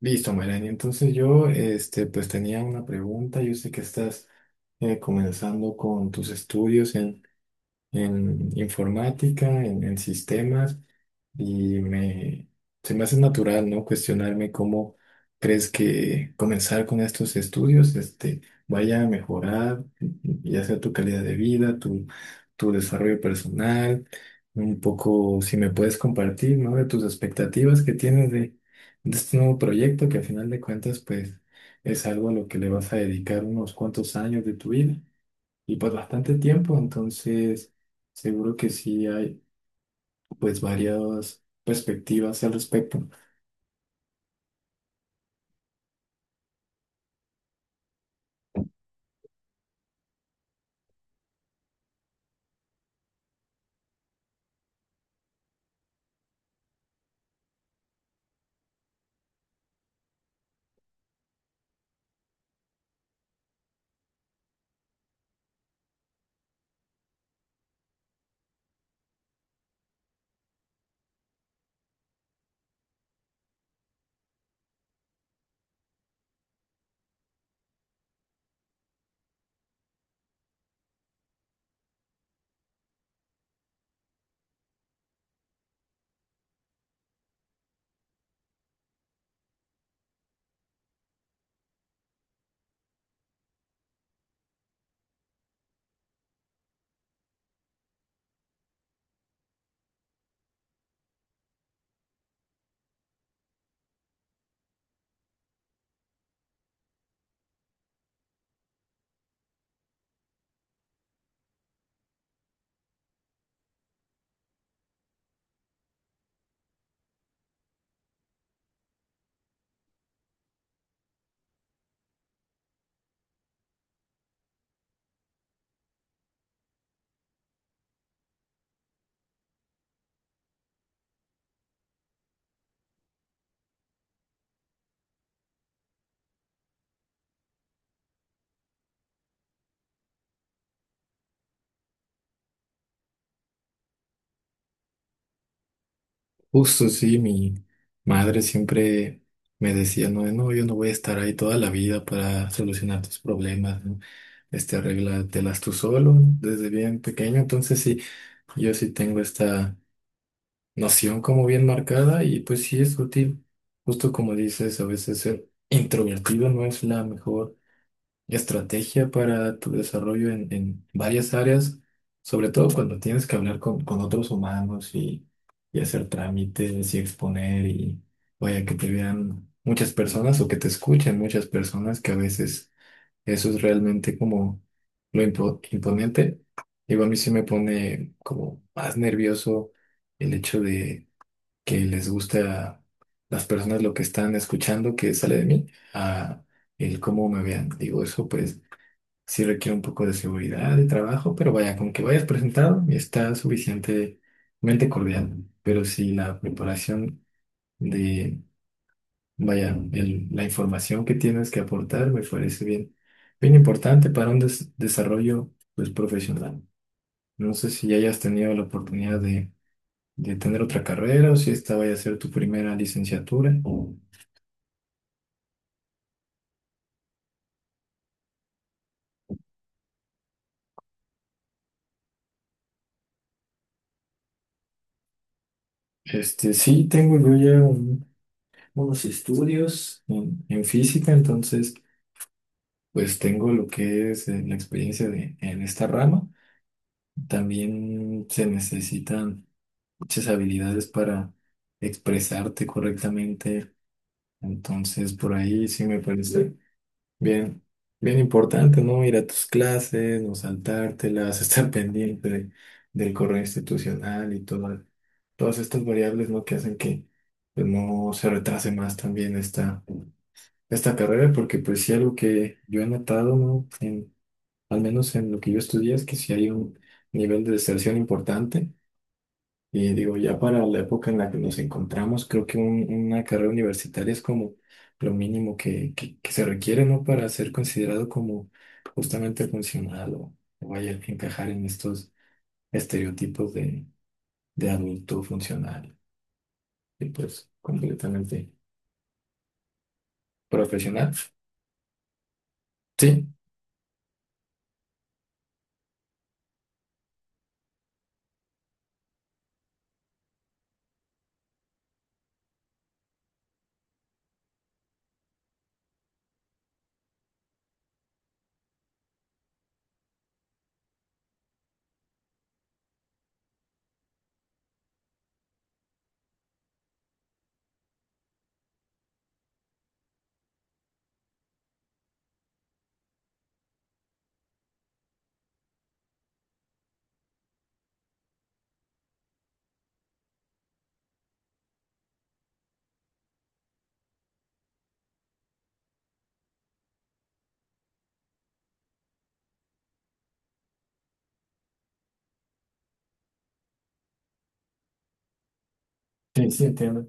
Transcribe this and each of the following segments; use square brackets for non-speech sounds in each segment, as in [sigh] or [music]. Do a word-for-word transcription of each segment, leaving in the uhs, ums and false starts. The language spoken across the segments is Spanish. Listo, Melanie. Entonces yo, este, pues tenía una pregunta. Yo sé que estás eh, comenzando con tus estudios en informática, en, en sistemas, y me, se me hace natural, ¿no? Cuestionarme cómo crees que comenzar con estos estudios, este, vaya a mejorar, ya sea tu calidad de vida, tu, tu desarrollo personal, un poco, si me puedes compartir, ¿no? De tus expectativas que tienes de, de este nuevo proyecto, que al final de cuentas, pues, es algo a lo que le vas a dedicar unos cuantos años de tu vida y pues bastante tiempo, entonces seguro que sí hay pues varias perspectivas al respecto. Justo, sí, mi madre siempre me decía, no, no, yo no voy a estar ahí toda la vida para solucionar tus problemas, ¿no? Este, arréglatelas tú solo, ¿no? Desde bien pequeño, entonces sí, yo sí tengo esta noción como bien marcada y pues sí es útil, justo como dices, a veces ser introvertido no es la mejor estrategia para tu desarrollo en, en varias áreas, sobre todo cuando tienes que hablar con, con otros humanos y, y hacer trámites y exponer y vaya que te vean muchas personas o que te escuchen muchas personas, que a veces eso es realmente como lo impo- imponente. Digo, a mí sí me pone como más nervioso el hecho de que les gusta las personas lo que están escuchando que sale de mí a el cómo me vean. Digo, eso pues sí requiere un poco de seguridad de trabajo, pero vaya, con que vayas presentado y está suficientemente cordial. Pero si la preparación de, vaya, el- la información que tienes que aportar me parece bien, bien importante para un des- desarrollo pues, profesional. No sé si hayas tenido la oportunidad de, de tener otra carrera o si esta vaya a ser tu primera licenciatura. Este, sí, tengo yo ya un- unos estudios en en física, entonces... Pues tengo lo que es eh, la experiencia de, en esta rama. También se necesitan muchas habilidades para expresarte correctamente. Entonces, por ahí sí me parece bien, bien importante, ¿no? Ir a tus clases, no saltártelas, [laughs] estar pendiente de- del correo institucional y todo, todas estas variables, ¿no? Que hacen que pues, no se retrase más también esta, esta carrera, porque pues sí algo que yo he notado, ¿no? Al menos en lo que yo estudié, es que si hay un nivel de deserción importante. Y digo, ya para la época en la que nos encontramos, creo que un- una carrera universitaria es como lo mínimo que, que- que se requiere, ¿no? Para ser considerado como justamente funcional o, o vaya a encajar en estos estereotipos de, de adulto funcional y pues completamente profesional. Sí, sí, sí, entiendo.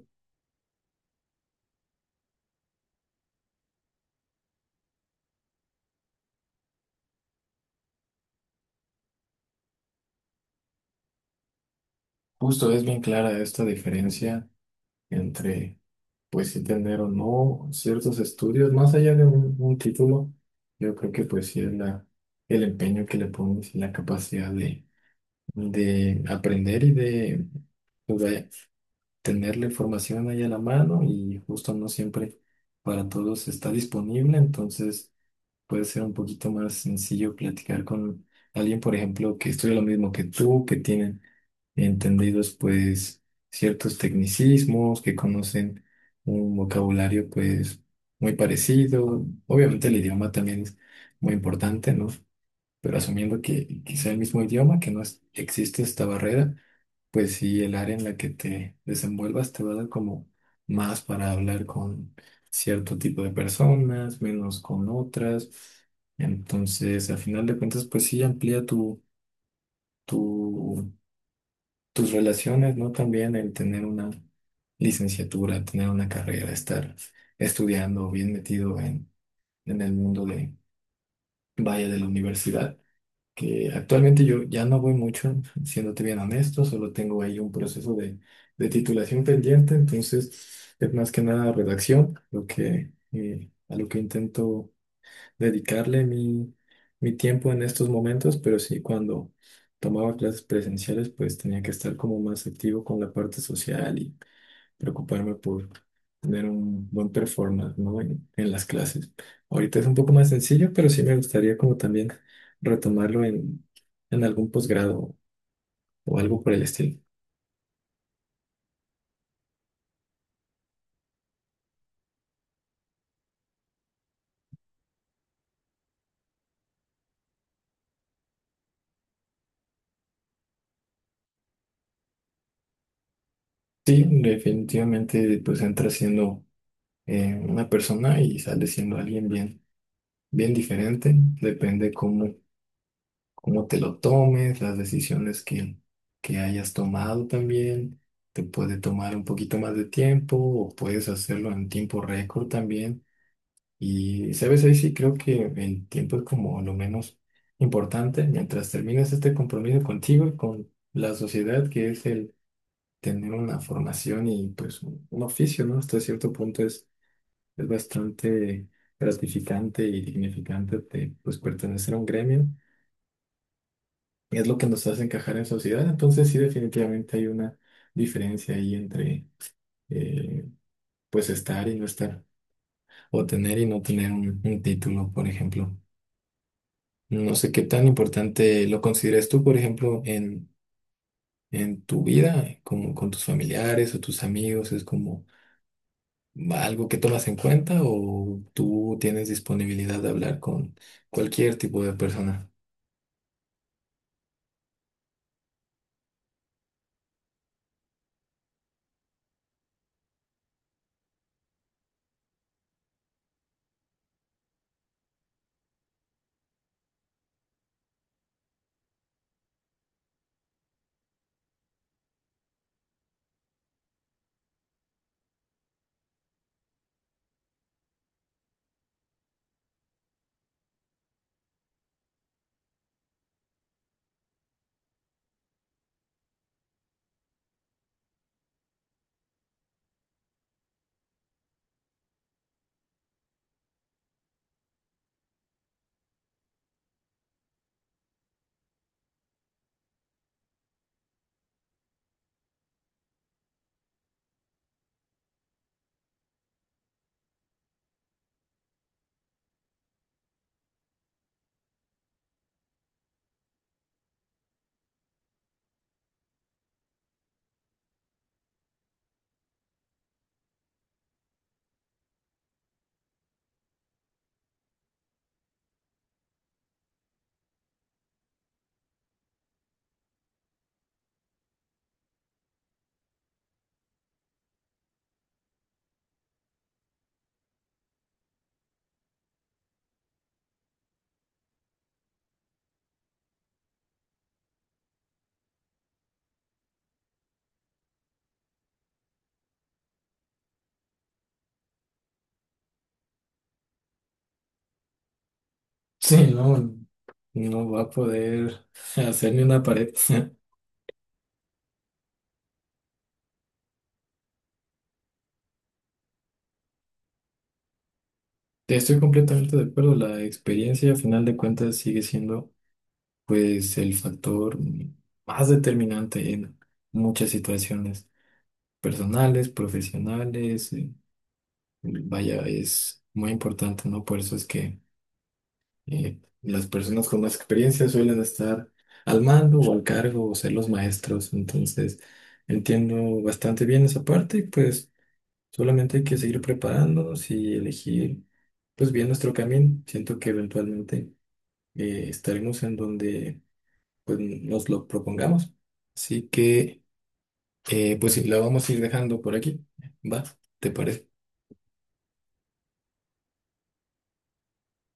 Justo es bien clara esta diferencia entre pues sí tener o no ciertos estudios, más allá de un, un título, yo creo que pues sí es la, el empeño que le pones y la capacidad de, de aprender y de, pues, vaya, tener la información ahí a la mano y justo no siempre para todos está disponible, entonces puede ser un poquito más sencillo platicar con alguien, por ejemplo, que estudia lo mismo que tú, que tienen entendidos pues ciertos tecnicismos, que conocen un vocabulario pues muy parecido. Obviamente el idioma también es muy importante, ¿no? Pero asumiendo que, que sea el mismo idioma, que no es- existe esta barrera, pues sí, el área en la que te desenvuelvas te va a dar como más para hablar con cierto tipo de personas, menos con otras. Entonces, a final de cuentas, pues sí, amplía tu, tu, tus relaciones, ¿no? También el tener una licenciatura, tener una carrera, estar estudiando, bien metido en, en el mundo de, vaya, de la universidad. Que actualmente yo ya no voy mucho, siéndote bien honesto, solo tengo ahí un proceso de, de titulación pendiente, entonces es más que nada redacción, lo que, eh, a lo que intento dedicarle mi, mi tiempo en estos momentos, pero sí cuando tomaba clases presenciales, pues tenía que estar como más activo con la parte social, preocuparme por tener un buen performance, ¿no? En, en las clases. Ahorita es un poco más sencillo, pero sí me gustaría como también retomarlo en, en algún posgrado o algo por el estilo. Sí, definitivamente pues entras siendo eh, una persona y sales siendo alguien bien, bien diferente. Depende cómo, cómo te lo tomes, las decisiones que, que hayas tomado también. Te puede tomar un poquito más de tiempo o puedes hacerlo en tiempo récord también. Y, ¿sabes? Ahí sí creo que el tiempo es como lo menos importante mientras terminas este compromiso contigo y con la sociedad, que es el tener una formación y pues un, un oficio, ¿no? Hasta cierto punto es, es bastante gratificante y dignificante de, pues, pertenecer a un gremio. Y es lo que nos hace encajar en sociedad. Entonces sí, definitivamente hay una diferencia ahí entre, eh, pues, estar y no estar, o tener y no tener un un título, por ejemplo. No sé qué tan importante lo consideras tú, por ejemplo, en, en tu vida, como con tus familiares o tus amigos, es como algo que tomas en cuenta o tú tienes disponibilidad de hablar con cualquier tipo de persona. Sí, no, no va a poder [laughs] hacer ni una pared. [laughs] Te estoy completamente de acuerdo. La experiencia, a final de cuentas, sigue siendo, pues, el factor más determinante en muchas situaciones personales, profesionales. eh, Vaya, es muy importante, ¿no? Por eso es que eh, las personas con más experiencia suelen estar al mando o al cargo o ser los maestros. Entonces, entiendo bastante bien esa parte y pues solamente hay que seguir preparándonos y elegir pues bien nuestro camino. Siento que eventualmente eh, estaremos en donde pues nos lo propongamos. Así que eh, pues sí, la vamos a ir dejando por aquí. ¿Va? ¿Te parece?